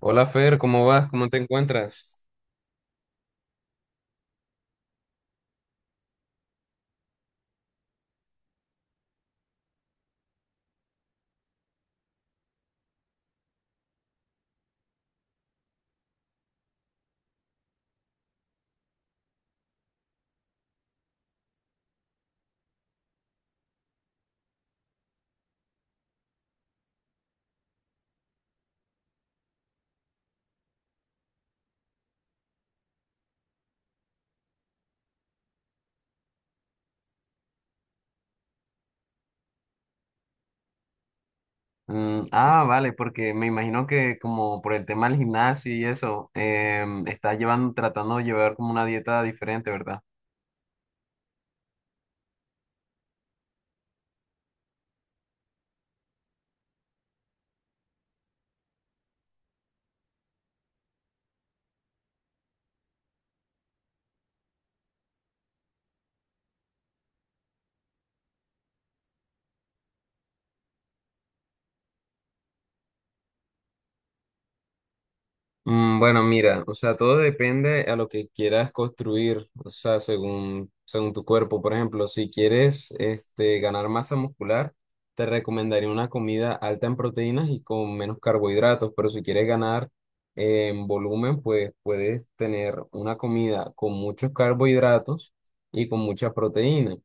Hola Fer, ¿cómo vas? ¿Cómo te encuentras? Vale, porque me imagino que como por el tema del gimnasio y eso, estás llevando, tratando de llevar como una dieta diferente, ¿verdad? Bueno, mira, o sea, todo depende a lo que quieras construir, o sea, según tu cuerpo. Por ejemplo, si quieres este, ganar masa muscular, te recomendaría una comida alta en proteínas y con menos carbohidratos, pero si quieres ganar en volumen, pues puedes tener una comida con muchos carbohidratos y con mucha proteína.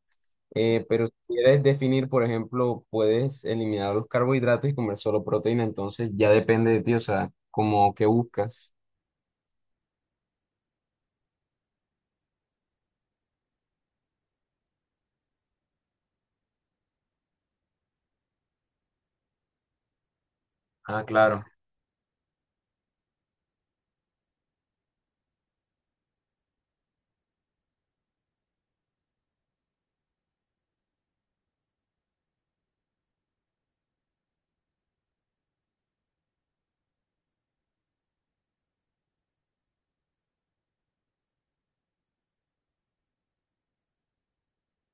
Pero si quieres definir, por ejemplo, puedes eliminar los carbohidratos y comer solo proteína, entonces ya depende de ti, o sea, como que buscas. Ah, claro.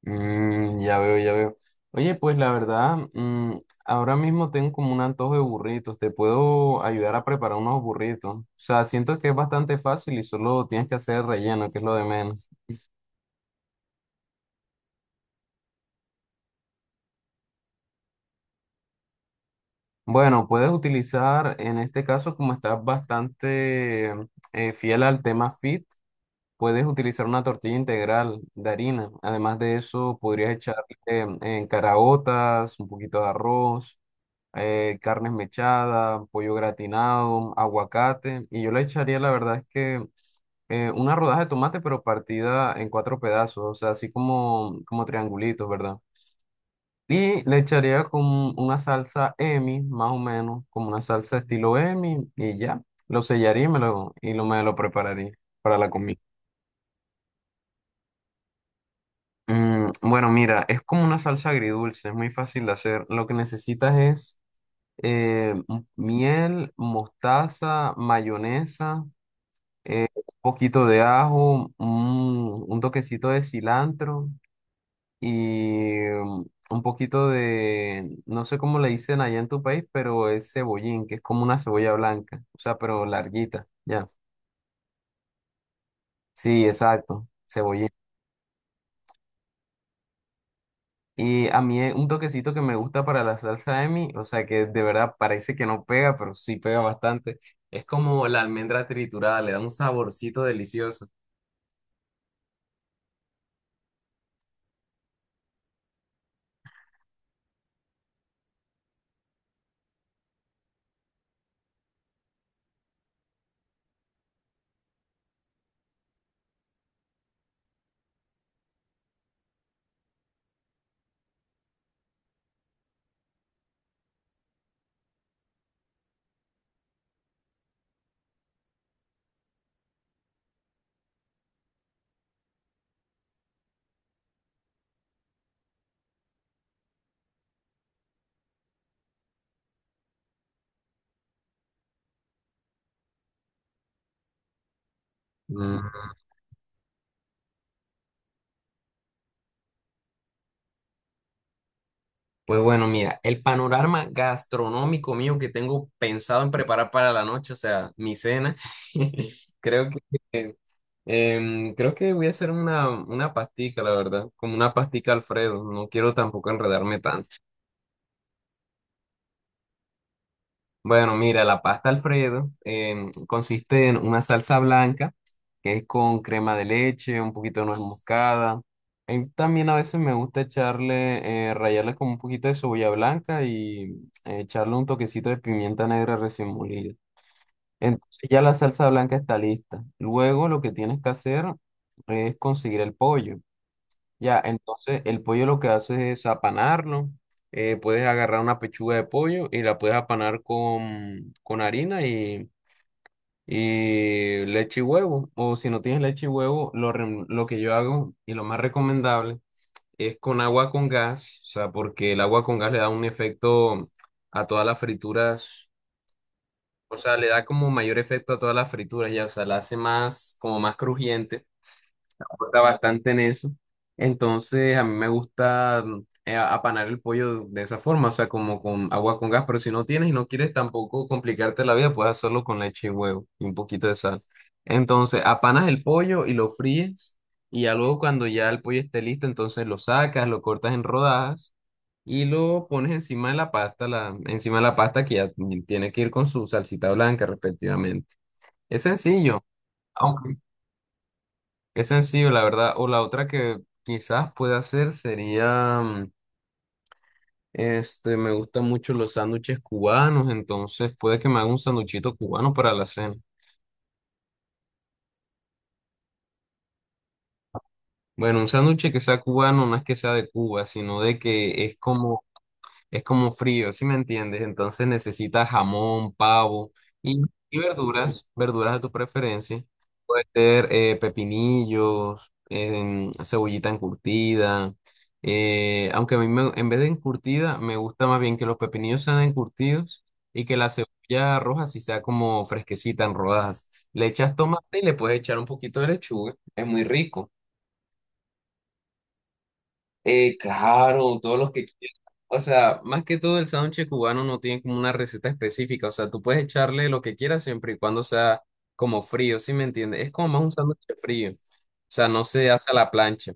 Ya veo, ya veo. Oye, pues la verdad, ahora mismo tengo como un antojo de burritos. Te puedo ayudar a preparar unos burritos. O sea, siento que es bastante fácil y solo tienes que hacer relleno, que es lo de menos. Bueno, puedes utilizar, en este caso, como estás bastante fiel al tema fit, puedes utilizar una tortilla integral de harina. Además de eso, podrías echarle caraotas, un poquito de arroz. Carnes mechadas, pollo gratinado, aguacate, y yo le echaría, la verdad es que una rodaja de tomate, pero partida en cuatro pedazos, o sea, así como, como triangulitos, ¿verdad? Y le echaría con una salsa Emi, más o menos, como una salsa estilo Emi, y ya, lo sellaría y me lo prepararía para la comida. Bueno, mira, es como una salsa agridulce, es muy fácil de hacer. Lo que necesitas es miel, mostaza, mayonesa, un poquito de ajo, un toquecito de cilantro y un poquito de, no sé cómo le dicen allá en tu país, pero es cebollín, que es como una cebolla blanca, o sea, pero larguita, ya. Sí, exacto, cebollín. Y a mí un toquecito que me gusta para la salsa de mi, o sea, que de verdad parece que no pega, pero sí pega bastante. Es como la almendra triturada, le da un saborcito delicioso. Mm, Pues bueno, mira, el panorama gastronómico mío que tengo pensado en preparar para la noche, o sea, mi cena, creo que eh, creo que voy a hacer una pastica, la verdad, como una pastica Alfredo, no quiero tampoco enredarme tanto. Bueno, mira, la pasta Alfredo consiste en una salsa blanca que es con crema de leche, un poquito de nuez moscada. Y también a veces me gusta echarle, rallarle con un poquito de cebolla blanca y echarle un toquecito de pimienta negra recién molida. Entonces ya la salsa blanca está lista. Luego lo que tienes que hacer es conseguir el pollo. Ya, entonces el pollo lo que hace es apanarlo. Puedes agarrar una pechuga de pollo y la puedes apanar con harina y leche y huevo. O si no tienes leche y huevo, lo que yo hago y lo más recomendable es con agua con gas, o sea, porque el agua con gas le da un efecto a todas las frituras, o sea, le da como mayor efecto a todas las frituras, ya, o sea, la hace más, como más crujiente importa bastante en eso. Entonces, a mí me gusta apanar el pollo de esa forma, o sea, como con agua con gas, pero si no tienes y no quieres tampoco complicarte la vida, puedes hacerlo con leche y huevo y un poquito de sal. Entonces, apanas el pollo y lo fríes y ya luego cuando ya el pollo esté listo, entonces lo sacas, lo cortas en rodajas y lo pones encima de la pasta, encima de la pasta que ya tiene que ir con su salsita blanca respectivamente. Es sencillo. Aunque es sencillo, la verdad. O la otra que quizás pueda hacer sería, este, me gustan mucho los sándwiches cubanos, entonces puede que me haga un sanduchito cubano para la cena. Bueno, un sándwich que sea cubano no es que sea de Cuba, sino de que es como frío, ¿sí me entiendes? Entonces necesitas jamón, pavo y, y verduras, verduras de tu preferencia. Puede ser pepinillos, cebollita encurtida. Aunque a mí me- en vez de encurtida, me gusta más bien que los pepinillos sean encurtidos y que la cebolla roja sí sea como fresquecita en rodajas. Le echas tomate y le puedes echar un poquito de lechuga. Es muy rico. Claro, todos los que quieran. O sea, más que todo el sándwich cubano no tiene como una receta específica. O sea, tú puedes echarle lo que quieras siempre y cuando sea como frío, ¿sí me entiendes? Es como más un sándwich frío. O sea, no se hace a la plancha.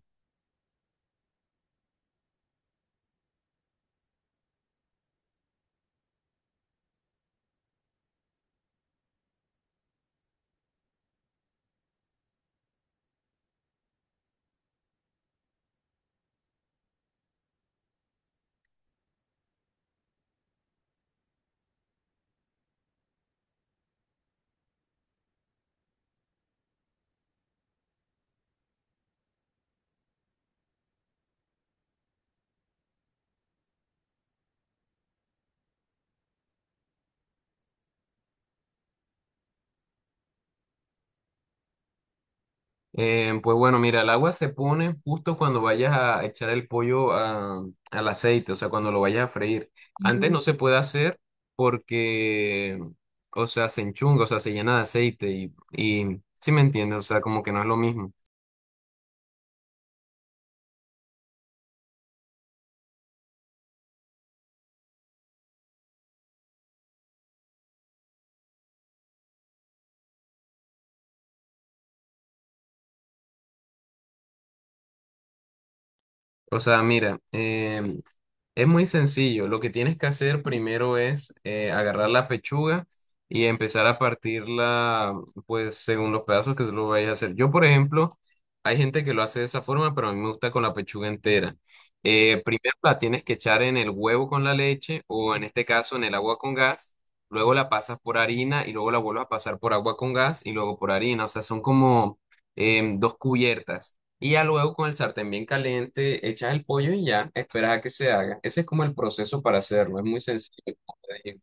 Pues bueno, mira, el agua se pone justo cuando vayas a echar el pollo al aceite, o sea, cuando lo vayas a freír. Antes Ujú. No Ujú. Se puede hacer porque, o sea, se enchunga, o sea, se llena de aceite y, ¿sí me entiendes? O sea, como que no es lo mismo. O sea, mira, es muy sencillo. Lo que tienes que hacer primero es agarrar la pechuga y empezar a partirla, pues, según los pedazos que tú lo vayas a hacer. Yo, por ejemplo, hay gente que lo hace de esa forma, pero a mí me gusta con la pechuga entera. Primero la tienes que echar en el huevo con la leche o en este caso en el agua con gas. Luego la pasas por harina y luego la vuelves a pasar por agua con gas y luego por harina. O sea, son como dos cubiertas. Y ya luego con el sartén bien caliente, echas el pollo y ya, esperas a que se haga. Ese es como el proceso para hacerlo, es muy sencillo, como te digo.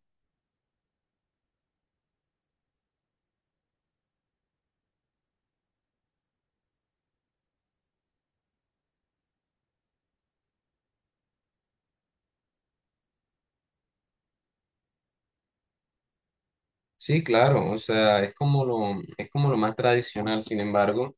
Sí, claro, o sea, es como lo más tradicional. Sin embargo,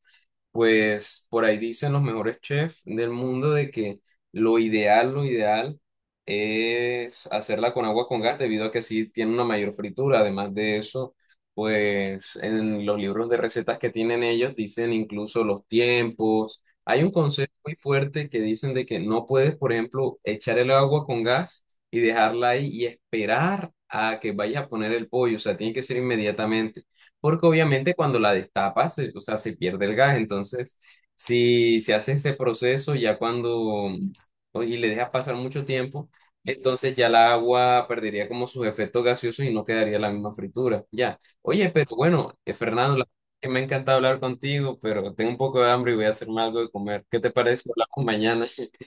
pues por ahí dicen los mejores chefs del mundo de que lo ideal es hacerla con agua con gas debido a que así tiene una mayor fritura. Además de eso, pues en los libros de recetas que tienen ellos dicen incluso los tiempos. Hay un consejo muy fuerte que dicen de que no puedes, por ejemplo, echar el agua con gas y dejarla ahí y esperar a que vayas a poner el pollo. O sea, tiene que ser inmediatamente. Porque obviamente cuando la destapas, o sea, se pierde el gas. Entonces, si se hace ese proceso ya cuando, y le dejas pasar mucho tiempo, entonces ya la agua perdería como sus efectos gaseosos y no quedaría la misma fritura. Ya. Oye, pero bueno, Fernando, que me ha encantado hablar contigo, pero tengo un poco de hambre y voy a hacerme algo de comer. ¿Qué te parece? Hablamos mañana.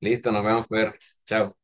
Listo, nos vemos, Fer. Chao.